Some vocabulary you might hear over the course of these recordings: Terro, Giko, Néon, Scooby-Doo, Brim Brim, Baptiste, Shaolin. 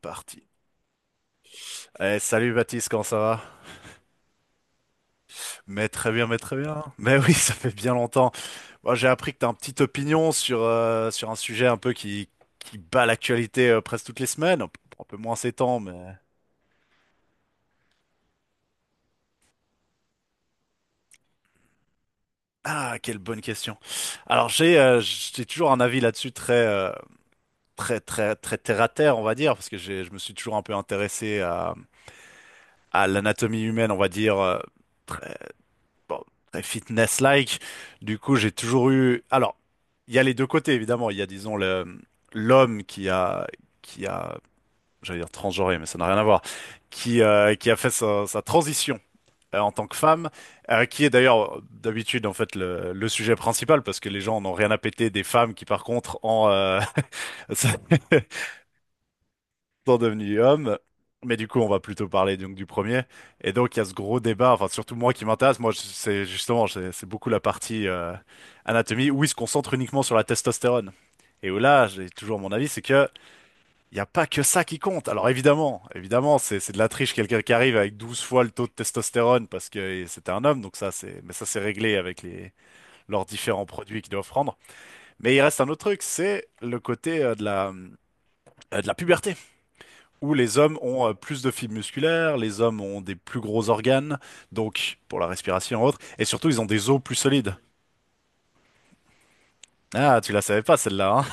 Parti. Eh, salut Baptiste, comment ça va? Mais très bien, mais très bien. Mais oui, ça fait bien longtemps. Moi, j'ai appris que tu as une petite opinion sur, sur un sujet un peu qui bat l'actualité presque toutes les semaines. Bon, un peu moins ces temps, mais... Ah, quelle bonne question. Alors, j'ai toujours un avis là-dessus très, très, très terre à terre, on va dire, parce que je me suis toujours un peu intéressé à l'anatomie humaine, on va dire, très. Bon, très fitness-like. Du coup, j'ai toujours eu. Alors, il y a les deux côtés, évidemment. Il y a, disons, l'homme qui a, j'allais dire transgenré, mais ça n'a rien à voir, qui a fait sa transition. En tant que femme, qui est d'ailleurs d'habitude en fait le sujet principal parce que les gens n'ont rien à péter des femmes qui par contre en, ça- sont devenus hommes. Mais du coup, on va plutôt parler donc du premier. Et donc, il y a ce gros débat, enfin surtout moi qui m'intéresse, c'est justement, c'est beaucoup la partie anatomie où il se concentre uniquement sur la testostérone. Et où là, j'ai toujours mon avis, c'est que il n'y a pas que ça qui compte. Alors évidemment, évidemment, c'est de la triche, quelqu'un qui arrive avec 12 fois le taux de testostérone parce que c'était un homme, donc ça c'est, mais ça c'est réglé avec les leurs différents produits qu'ils doivent prendre. Mais il reste un autre truc, c'est le côté de la puberté où les hommes ont plus de fibres musculaires, les hommes ont des plus gros organes, donc pour la respiration et autres, et surtout ils ont des os plus solides. Ah, tu la savais pas celle-là,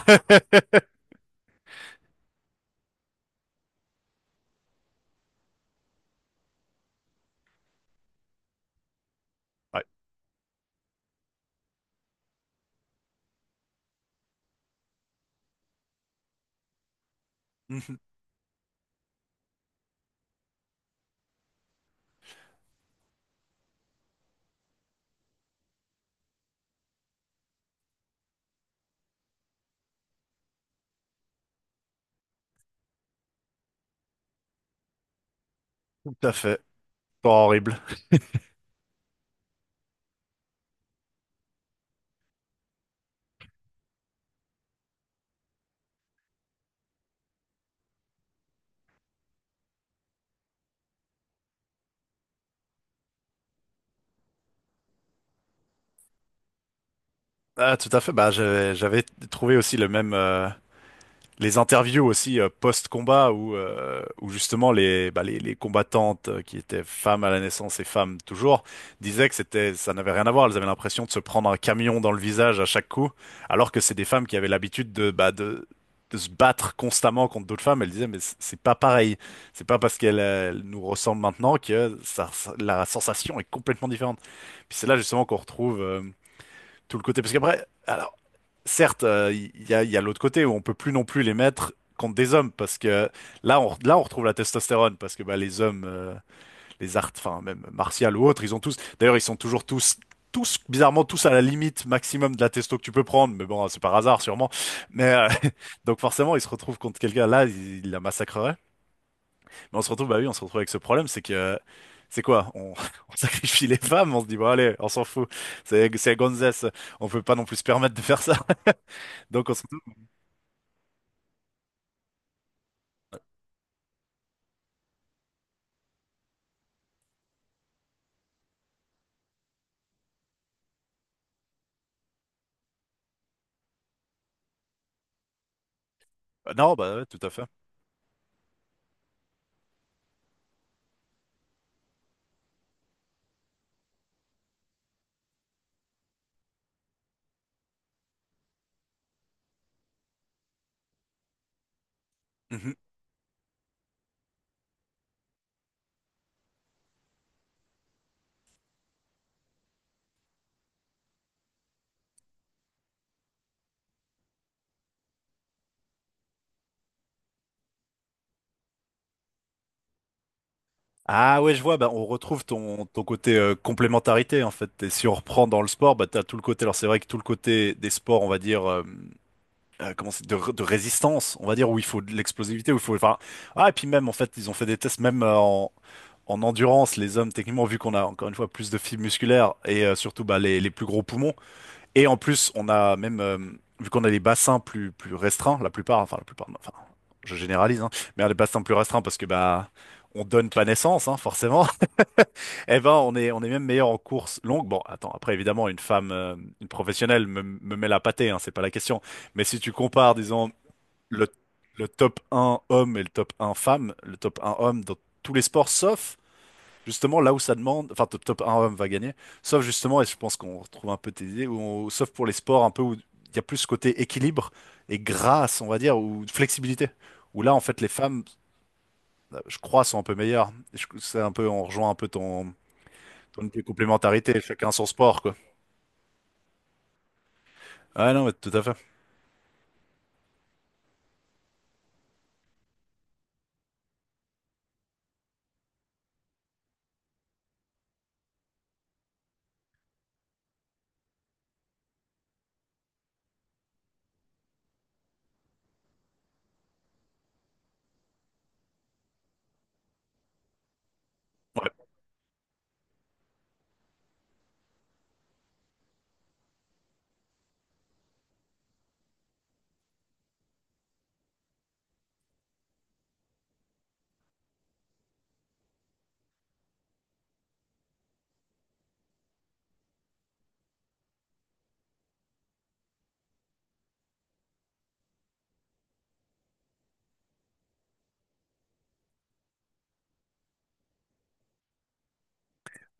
hein? Ouais. Tout à fait. Pas horrible. Ah, tout à fait. Bah, j'avais trouvé aussi le même. Les interviews aussi post-combat où, où justement les combattantes qui étaient femmes à la naissance et femmes toujours, disaient que ça n'avait rien à voir. Elles avaient l'impression de se prendre un camion dans le visage à chaque coup, alors que c'est des femmes qui avaient l'habitude de se battre constamment contre d'autres femmes. Elles disaient, mais c'est pas pareil. C'est pas parce qu'elles elles nous ressemblent maintenant que la sensation est complètement différente. Puis c'est là justement qu'on retrouve tout le côté. Parce qu'après, alors, certes, il y a l'autre côté où on peut plus non plus les mettre contre des hommes parce que là, on retrouve la testostérone parce que bah, les arts, enfin même martial ou autres, ils ont tous. D'ailleurs, ils sont toujours tous. Tous, bizarrement, tous à la limite maximum de la testo que tu peux prendre, mais bon, c'est par hasard sûrement. Mais donc forcément, ils se retrouvent contre quelqu'un là, ils il la massacrerait. Mais on se retrouve, bah oui, on se retrouve avec ce problème, c'est que c'est quoi? On sacrifie les femmes, on se dit bon allez, on s'en fout, c'est la gonzesse, on peut pas non plus se permettre de faire ça. Donc on se euh, non, bah ouais, tout à fait. Mhm. Ah ouais, je vois, bah, on retrouve ton côté complémentarité en fait. Et si on reprend dans le sport, bah t'as tout le côté. Alors c'est vrai que tout le côté des sports, on va dire, comment c'est, de résistance, on va dire, où il faut de l'explosivité, où il faut. Enfin, ah et puis même en fait, ils ont fait des tests même en endurance, les hommes techniquement vu qu'on a encore une fois plus de fibres musculaires et surtout bah les plus gros poumons. Et en plus, on a même, vu qu'on a des bassins plus restreints, la plupart, enfin la plupart, non, enfin je généralise, hein, mais on a des bassins plus restreints parce que bah on donne pas naissance, hein, forcément. Eh ben on est même meilleur en course longue. Bon, attends, après évidemment une femme, une professionnelle me met la pâtée, hein, c'est pas la question. Mais si tu compares, disons le, le top 1 homme et le top 1 femme, le top 1 homme dans tous les sports sauf, justement, là où ça demande, enfin top, top un homme va gagner, sauf justement, et je pense qu'on retrouve un peu tes idées, où sauf pour les sports un peu où il y a plus ce côté équilibre et grâce, on va dire, ou flexibilité, où là, en fait, les femmes, je crois, sont un peu meilleures. C'est un peu, on rejoint un peu ton idée de complémentarité, chacun son sport, quoi. Ah non, mais tout à fait. Ouais.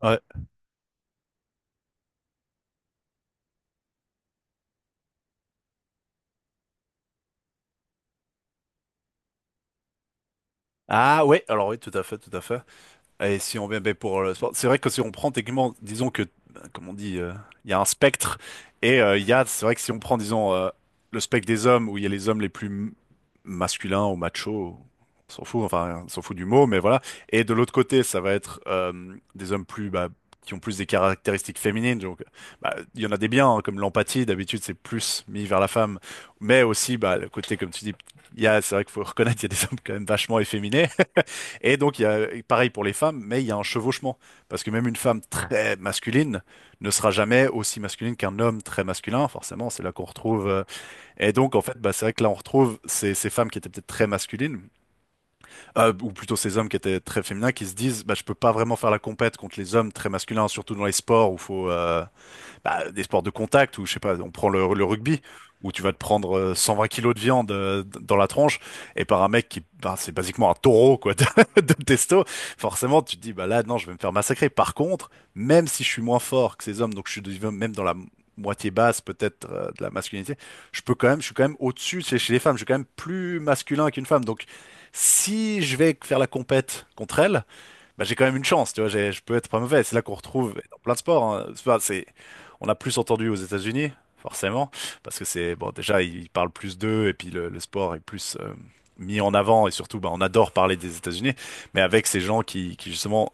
Ouais. Ah, ouais, alors oui, tout à fait, tout à fait. Et si on vient ben, pour le sport, c'est vrai que si on prend techniquement, disons que, ben, comme on dit, il y a un spectre et c'est vrai que si on prend, disons, le spectre des hommes où il y a les hommes les plus masculins ou machos, on s'en fout, enfin, on s'en fout du mot, mais voilà. Et de l'autre côté, ça va être des hommes plus, bah, qui ont plus des caractéristiques féminines. Donc, bah, il y en a des biens, hein, comme l'empathie. D'habitude, c'est plus mis vers la femme, mais aussi, bah, le côté, comme tu dis, il y a, c'est vrai qu'il faut reconnaître, il y a des hommes quand même vachement efféminés. Et donc, il y a, pareil pour les femmes, mais il y a un chevauchement. Parce que même une femme très masculine ne sera jamais aussi masculine qu'un homme très masculin. Forcément, c'est là qu'on retrouve. Euh, et donc, en fait, bah, c'est vrai que là, on retrouve ces femmes qui étaient peut-être très masculines, ou plutôt ces hommes qui étaient très féminins, qui se disent, bah, je peux pas vraiment faire la compète contre les hommes très masculins, surtout dans les sports où faut, bah, des sports de contact où, je sais pas, on prend le rugby, où tu vas te prendre 120 kilos de viande dans la tronche, et par un mec qui, bah, c'est basiquement un taureau, quoi, de testo, forcément, tu te dis, bah là, non, je vais me faire massacrer. Par contre, même si je suis moins fort que ces hommes, donc je suis même dans la moitié basse, peut-être, de la masculinité, je suis quand même au-dessus chez les femmes, je suis quand même plus masculin qu'une femme, donc si je vais faire la compète contre elle, bah, j'ai quand même une chance, tu vois, je peux être pas mauvais. C'est là qu'on retrouve dans plein de sports. Hein. Enfin, c'est, on a plus entendu aux États-Unis, forcément, parce que c'est, bon, déjà, ils parlent plus d'eux, et puis le sport est plus mis en avant, et surtout, bah, on adore parler des États-Unis, mais avec ces gens qui justement,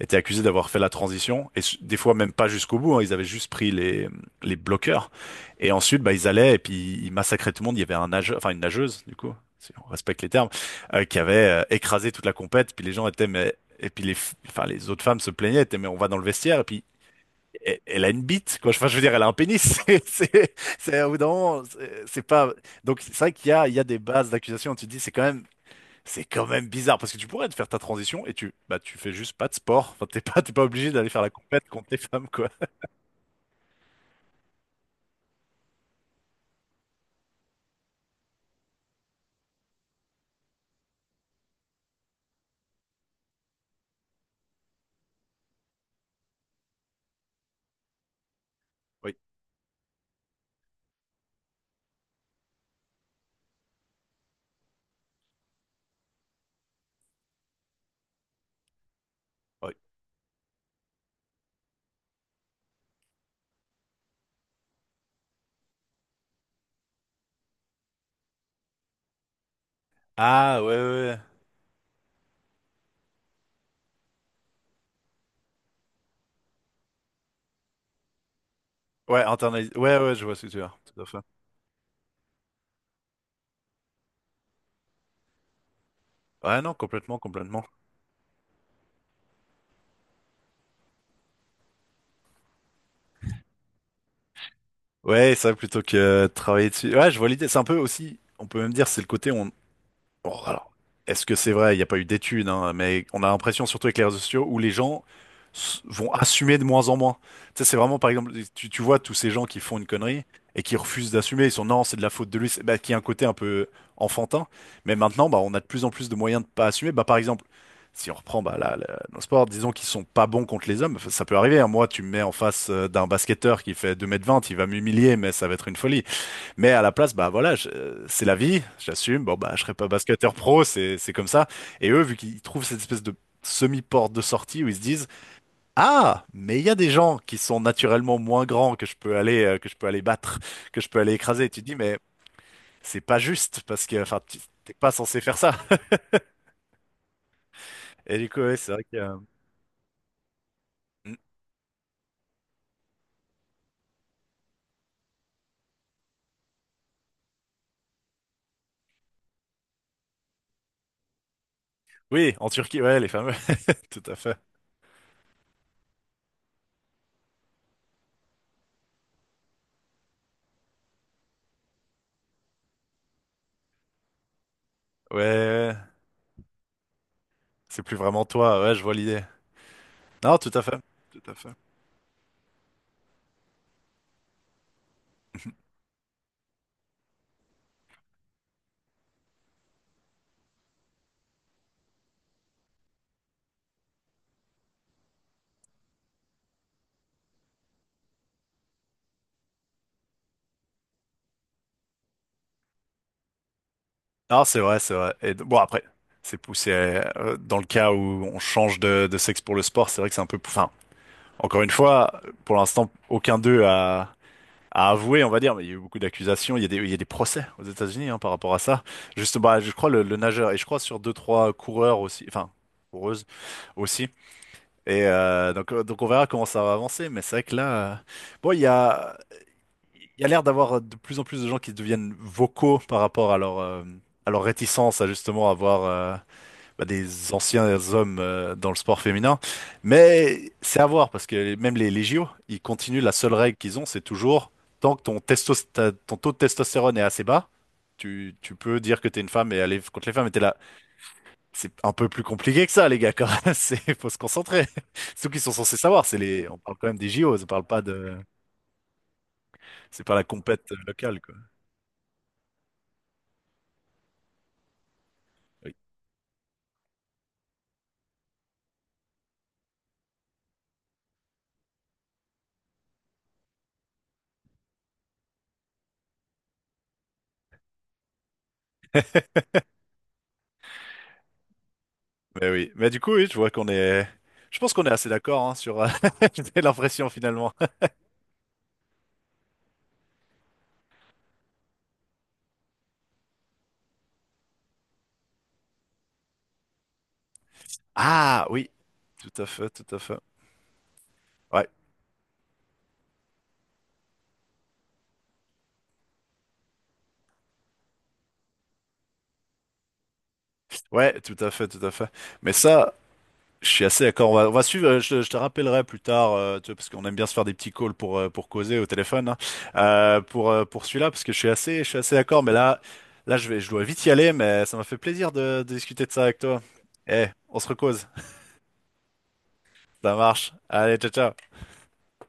étaient accusés d'avoir fait la transition et des fois même pas jusqu'au bout. Hein, ils avaient juste pris les bloqueurs et ensuite bah ils allaient et puis ils massacraient tout le monde. Il y avait un nageur, enfin une nageuse du coup, si on respecte les termes, qui avait écrasé toute la compète. Puis les gens étaient mais, et puis enfin les autres femmes se plaignaient, étaient mais on va dans le vestiaire et puis elle a une bite quoi. Enfin je veux dire elle a un pénis. C'est au bout d'un moment, c'est pas, donc c'est vrai qu'il y a, il y a des bases d'accusation. Tu te dis c'est quand même bizarre parce que tu pourrais te faire ta transition et tu bah tu fais juste pas de sport. Enfin, t'es pas obligé d'aller faire la compète contre les femmes quoi. Oui, oui. Ah ouais ouais ouais. Ouais, internalis, ouais ouais je vois ce que tu veux dire. Tout à fait. Ouais non complètement complètement. Ouais ça plutôt que travailler dessus. Ouais je vois l'idée. C'est un peu aussi on peut même dire c'est le côté. Bon, alors, est-ce que c'est vrai? Il n'y a pas eu d'études, hein, mais on a l'impression, surtout avec les réseaux sociaux, où les gens vont assumer de moins en moins. Tu sais, c'est vraiment, par exemple, tu vois tous ces gens qui font une connerie et qui refusent d'assumer. Ils sont, non, c'est de la faute de lui, bah, qui a un côté un peu enfantin. Mais maintenant, bah, on a de plus en plus de moyens de pas assumer. Bah, par exemple, si on reprend bah, nos sports, disons qu'ils sont pas bons contre les hommes, ça peut arriver, hein. Moi, tu me mets en face d'un basketteur qui fait 2,20 m, il va m'humilier, mais ça va être une folie. Mais à la place, bah voilà, c'est la vie, j'assume. Bon bah je serai pas basketteur pro, c'est comme ça. Et eux, vu qu'ils trouvent cette espèce de semi-porte de sortie où ils se disent, ah, mais il y a des gens qui sont naturellement moins grands que je peux aller que je peux aller battre, que je peux aller écraser. Et tu te dis, mais c'est pas juste parce que t'es pas censé faire ça. Et du coup, ouais, c'est vrai que mm. Oui, en Turquie, ouais, les fameux, tout à fait. Ouais, ouais, ouais, c'est plus vraiment toi. Ouais, je vois l'idée. Non, tout à fait, tout à fait. Non, c'est vrai, c'est vrai. Et bon, après, c'est poussé, dans le cas où on change de sexe pour le sport, c'est vrai que c'est un peu. Enfin, encore une fois, pour l'instant, aucun d'eux a, a avoué, on va dire. Mais il y a eu beaucoup d'accusations. Il y a des, il y a des procès aux États-Unis, hein, par rapport à ça. Juste, bah, je crois le nageur et je crois sur 2, 3 coureurs aussi. Enfin, coureuses aussi. Et donc, on verra comment ça va avancer. Mais c'est vrai que là, bon, il y a. Il y a l'air d'avoir de plus en plus de gens qui deviennent vocaux par rapport à à leur réticence à justement avoir bah, des anciens hommes dans le sport féminin. Mais c'est à voir parce que même les JO, ils continuent. La seule règle qu'ils ont, c'est toujours tant que ton taux de testostérone est assez bas, tu peux dire que t'es une femme et aller contre les femmes. Et t'es là. C'est un peu plus compliqué que ça, les gars, quand même. C'est, faut se concentrer. C'est tout qu'ils sont censés savoir. C'est les, on parle quand même des JO, on parle pas de, c'est pas la compète locale, quoi. Oui. Mais oui. Mais du coup, oui, je vois qu'on est. Je pense qu'on est assez d'accord, hein, sur. J'ai l'impression finalement. Ah oui, tout à fait, tout à fait. Ouais, ouais, tout à fait, tout à fait. Mais ça, je suis assez d'accord. On va suivre. Je te rappellerai plus tard, tu vois, parce qu'on aime bien se faire des petits calls pour causer au téléphone, hein. Pour celui-là, parce que je suis assez d'accord. Là, je vais, je dois vite y aller. Mais ça m'a fait plaisir de discuter de ça avec toi. Eh, on se recose. Ça marche. Allez, ciao, ciao.